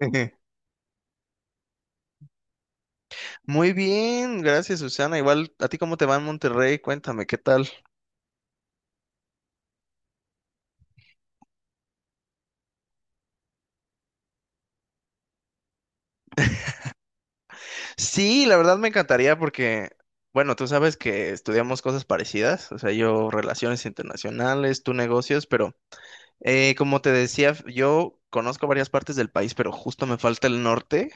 Muy bien, gracias Susana. Igual, ¿a ti cómo te va en Monterrey? Cuéntame, ¿qué tal? Sí, la verdad me encantaría porque, bueno, tú sabes que estudiamos cosas parecidas, o sea, yo relaciones internacionales, tú negocios, pero como te decía, yo conozco varias partes del país, pero justo me falta el norte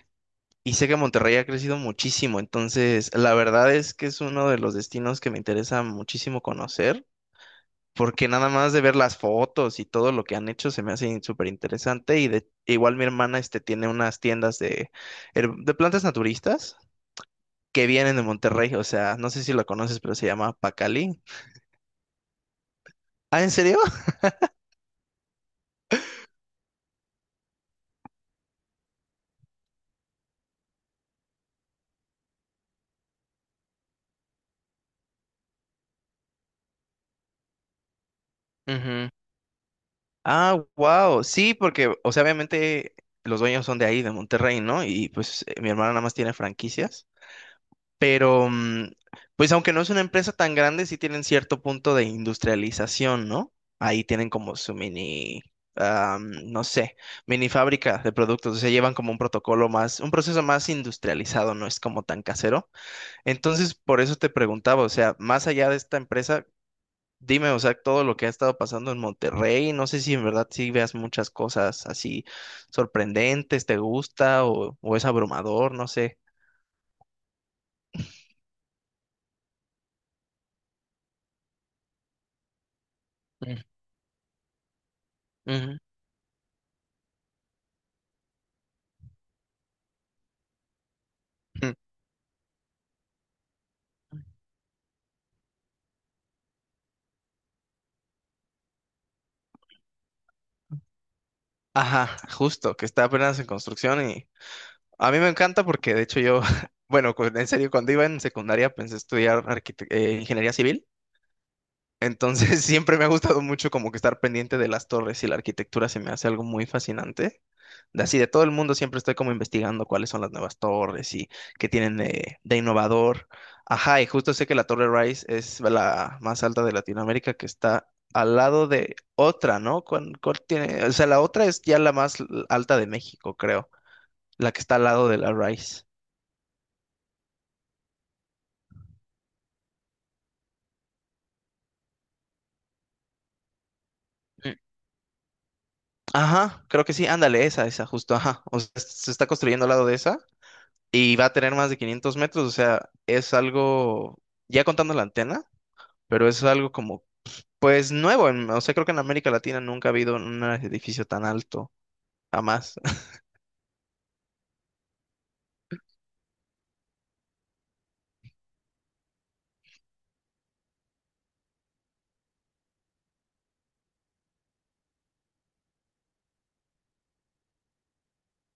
y sé que Monterrey ha crecido muchísimo, entonces la verdad es que es uno de los destinos que me interesa muchísimo conocer. Porque nada más de ver las fotos y todo lo que han hecho se me hace súper interesante y de igual mi hermana este tiene unas tiendas de, de plantas naturistas que vienen de Monterrey, o sea, no sé si lo conoces, pero se llama Pacali. Ah, ¿en serio? Ujú. Ah, wow. Sí, porque, o sea, obviamente los dueños son de ahí, de Monterrey, ¿no? Y pues mi hermana nada más tiene franquicias. Pero, pues aunque no es una empresa tan grande, sí tienen cierto punto de industrialización, ¿no? Ahí tienen como su mini, no sé, mini fábrica de productos. O sea, llevan como un protocolo más, un proceso más industrializado, no es como tan casero. Entonces, por eso te preguntaba, o sea, más allá de esta empresa, dime, o sea, todo lo que ha estado pasando en Monterrey. No sé si en verdad sí veas muchas cosas así sorprendentes, te gusta o es abrumador, no sé. Mm. Ujú. Ajá, justo, que está apenas en construcción y a mí me encanta porque de hecho yo, bueno, en serio, cuando iba en secundaria pensé estudiar ingeniería civil, entonces siempre me ha gustado mucho como que estar pendiente de las torres y la arquitectura se me hace algo muy fascinante. De así, de todo el mundo siempre estoy como investigando cuáles son las nuevas torres y qué tienen de innovador. Ajá, y justo sé que la Torre Rice es la más alta de Latinoamérica que está al lado de otra, ¿no? Cuál tiene? O sea, la otra es ya la más alta de México, creo, la que está al lado de la Rice. Mm. Ajá, creo que sí, ándale, esa, justo, ajá. O sea, se está construyendo al lado de esa. Y va a tener más de 500 metros, o sea, es algo, ya contando la antena, pero es algo como, pues nuevo, o sea, creo que en América Latina nunca ha habido un edificio tan alto, jamás.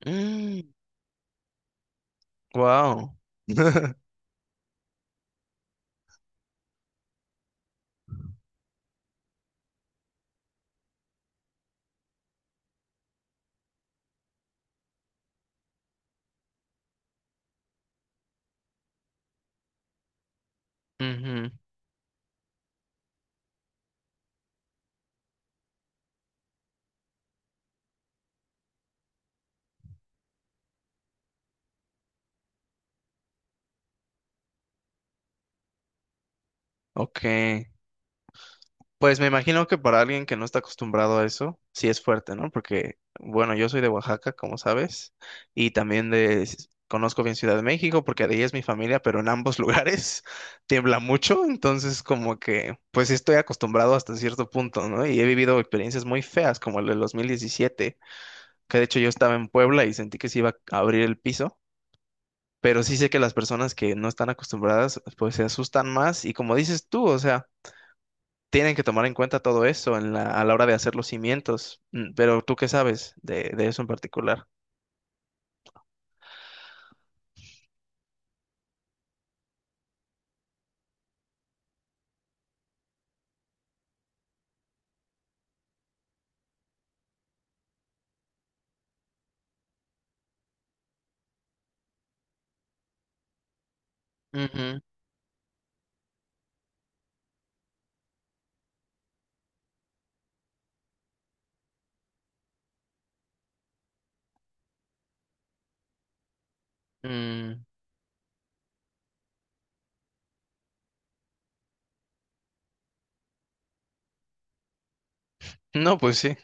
Wow. Ok. Pues me imagino que para alguien que no está acostumbrado a eso, sí es fuerte, ¿no? Porque, bueno, yo soy de Oaxaca, como sabes, y también de, conozco bien Ciudad de México, porque de ahí es mi familia, pero en ambos lugares tiembla mucho, entonces como que, pues sí estoy acostumbrado hasta cierto punto, ¿no? Y he vivido experiencias muy feas, como el del 2017, que de hecho yo estaba en Puebla y sentí que se iba a abrir el piso. Pero sí sé que las personas que no están acostumbradas, pues se asustan más y como dices tú, o sea, tienen que tomar en cuenta todo eso en a la hora de hacer los cimientos. Pero tú qué sabes de eso en particular. Ujú. mm, No, pues sí.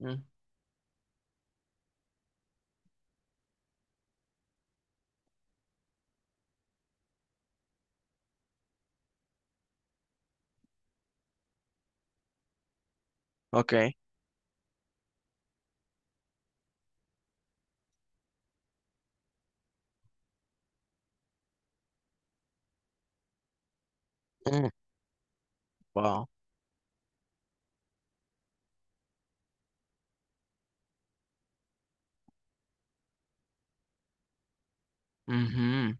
mm, Ok. mm, Wow. Ujú.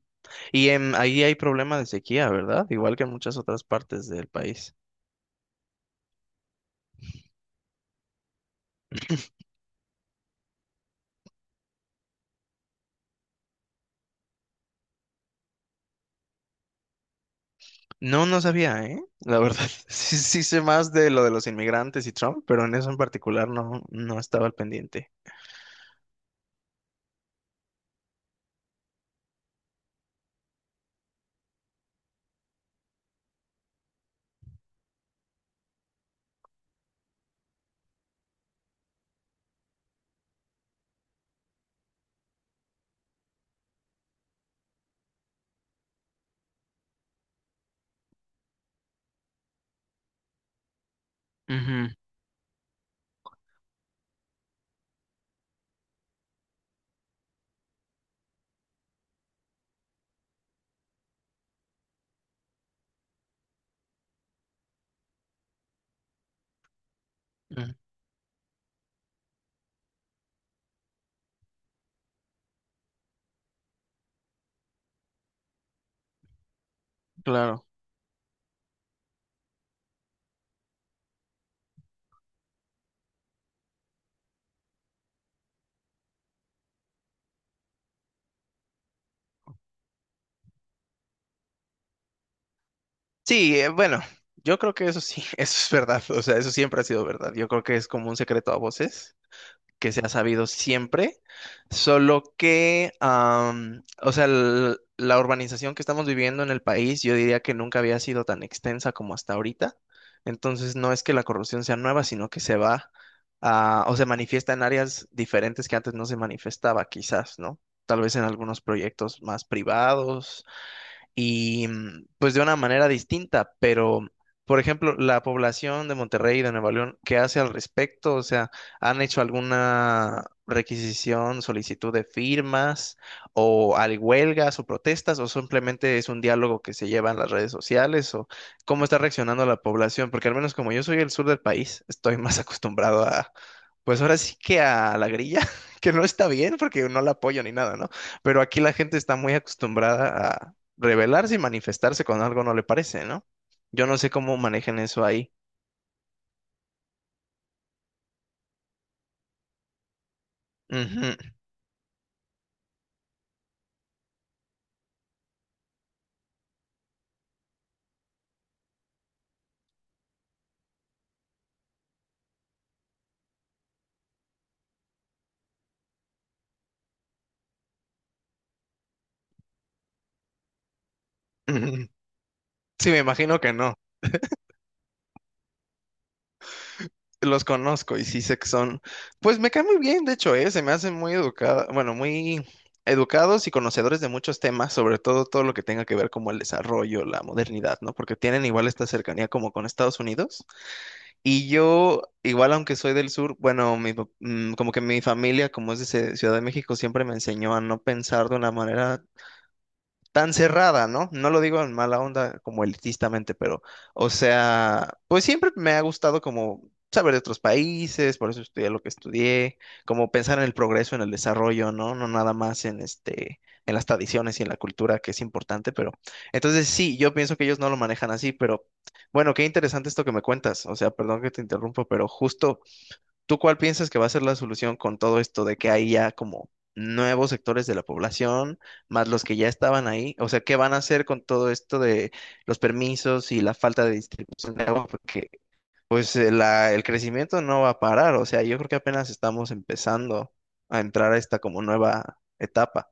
Y ahí hay problema de sequía, ¿verdad? Igual que en muchas otras partes del país. No, no sabía, ¿eh? La verdad, sí, sí sé más de lo de los inmigrantes y Trump, pero en eso en particular no, no estaba al pendiente. Ujú, ujú. Claro. Sí, bueno, yo creo que eso sí, eso es verdad, o sea, eso siempre ha sido verdad. Yo creo que es como un secreto a voces que se ha sabido siempre, solo que, o sea, la urbanización que estamos viviendo en el país, yo diría que nunca había sido tan extensa como hasta ahorita. Entonces, no es que la corrupción sea nueva, sino que se va o se manifiesta en áreas diferentes que antes no se manifestaba, quizás, ¿no? Tal vez en algunos proyectos más privados y pues de una manera distinta, pero por ejemplo, la población de Monterrey y de Nueva León, ¿qué hace al respecto? O sea, ¿han hecho alguna requisición, solicitud de firmas o hay huelgas o protestas o simplemente es un diálogo que se lleva en las redes sociales o cómo está reaccionando la población? Porque al menos como yo soy del sur del país, estoy más acostumbrado a, pues ahora sí que a la grilla, que no está bien porque no la apoyo ni nada, ¿no? Pero aquí la gente está muy acostumbrada rebelarse y manifestarse con algo no le parece, ¿no? Yo no sé cómo manejan eso ahí. Ujú, ujú. Sí, me imagino que no. Los conozco y sí sé que son, pues me cae muy bien, de hecho, ¿eh? Se me hacen muy educada, bueno, muy educados y conocedores de muchos temas, sobre todo todo lo que tenga que ver como el desarrollo, la modernidad, ¿no? Porque tienen igual esta cercanía como con Estados Unidos. Y yo, igual aunque soy del sur, bueno, mi, como que mi familia, como es de Ciudad de México, siempre me enseñó a no pensar de una manera tan cerrada, ¿no? No lo digo en mala onda como elitistamente, pero, o sea, pues siempre me ha gustado como saber de otros países, por eso estudié lo que estudié, como pensar en el progreso, en el desarrollo, ¿no? No nada más en este, en las tradiciones y en la cultura, que es importante, pero entonces sí, yo pienso que ellos no lo manejan así, pero bueno, qué interesante esto que me cuentas, o sea, perdón que te interrumpo, pero justo ¿tú cuál piensas que va a ser la solución con todo esto de que hay ya como nuevos sectores de la población, más los que ya estaban ahí? O sea, ¿qué van a hacer con todo esto de los permisos y la falta de distribución de agua? Porque pues el crecimiento no va a parar. O sea, yo creo que apenas estamos empezando a entrar a esta como nueva etapa.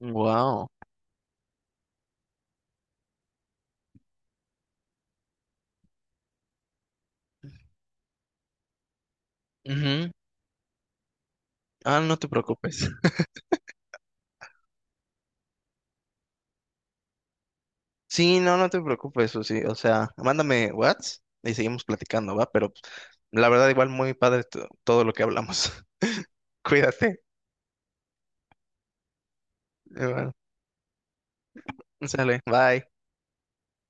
Wow. Ah, no te preocupes. Sí, no, no te preocupes, Susi. O sea, mándame WhatsApp y seguimos platicando, ¿va? Pero la verdad, igual muy padre todo lo que hablamos. Cuídate. Iván. Sale, bye.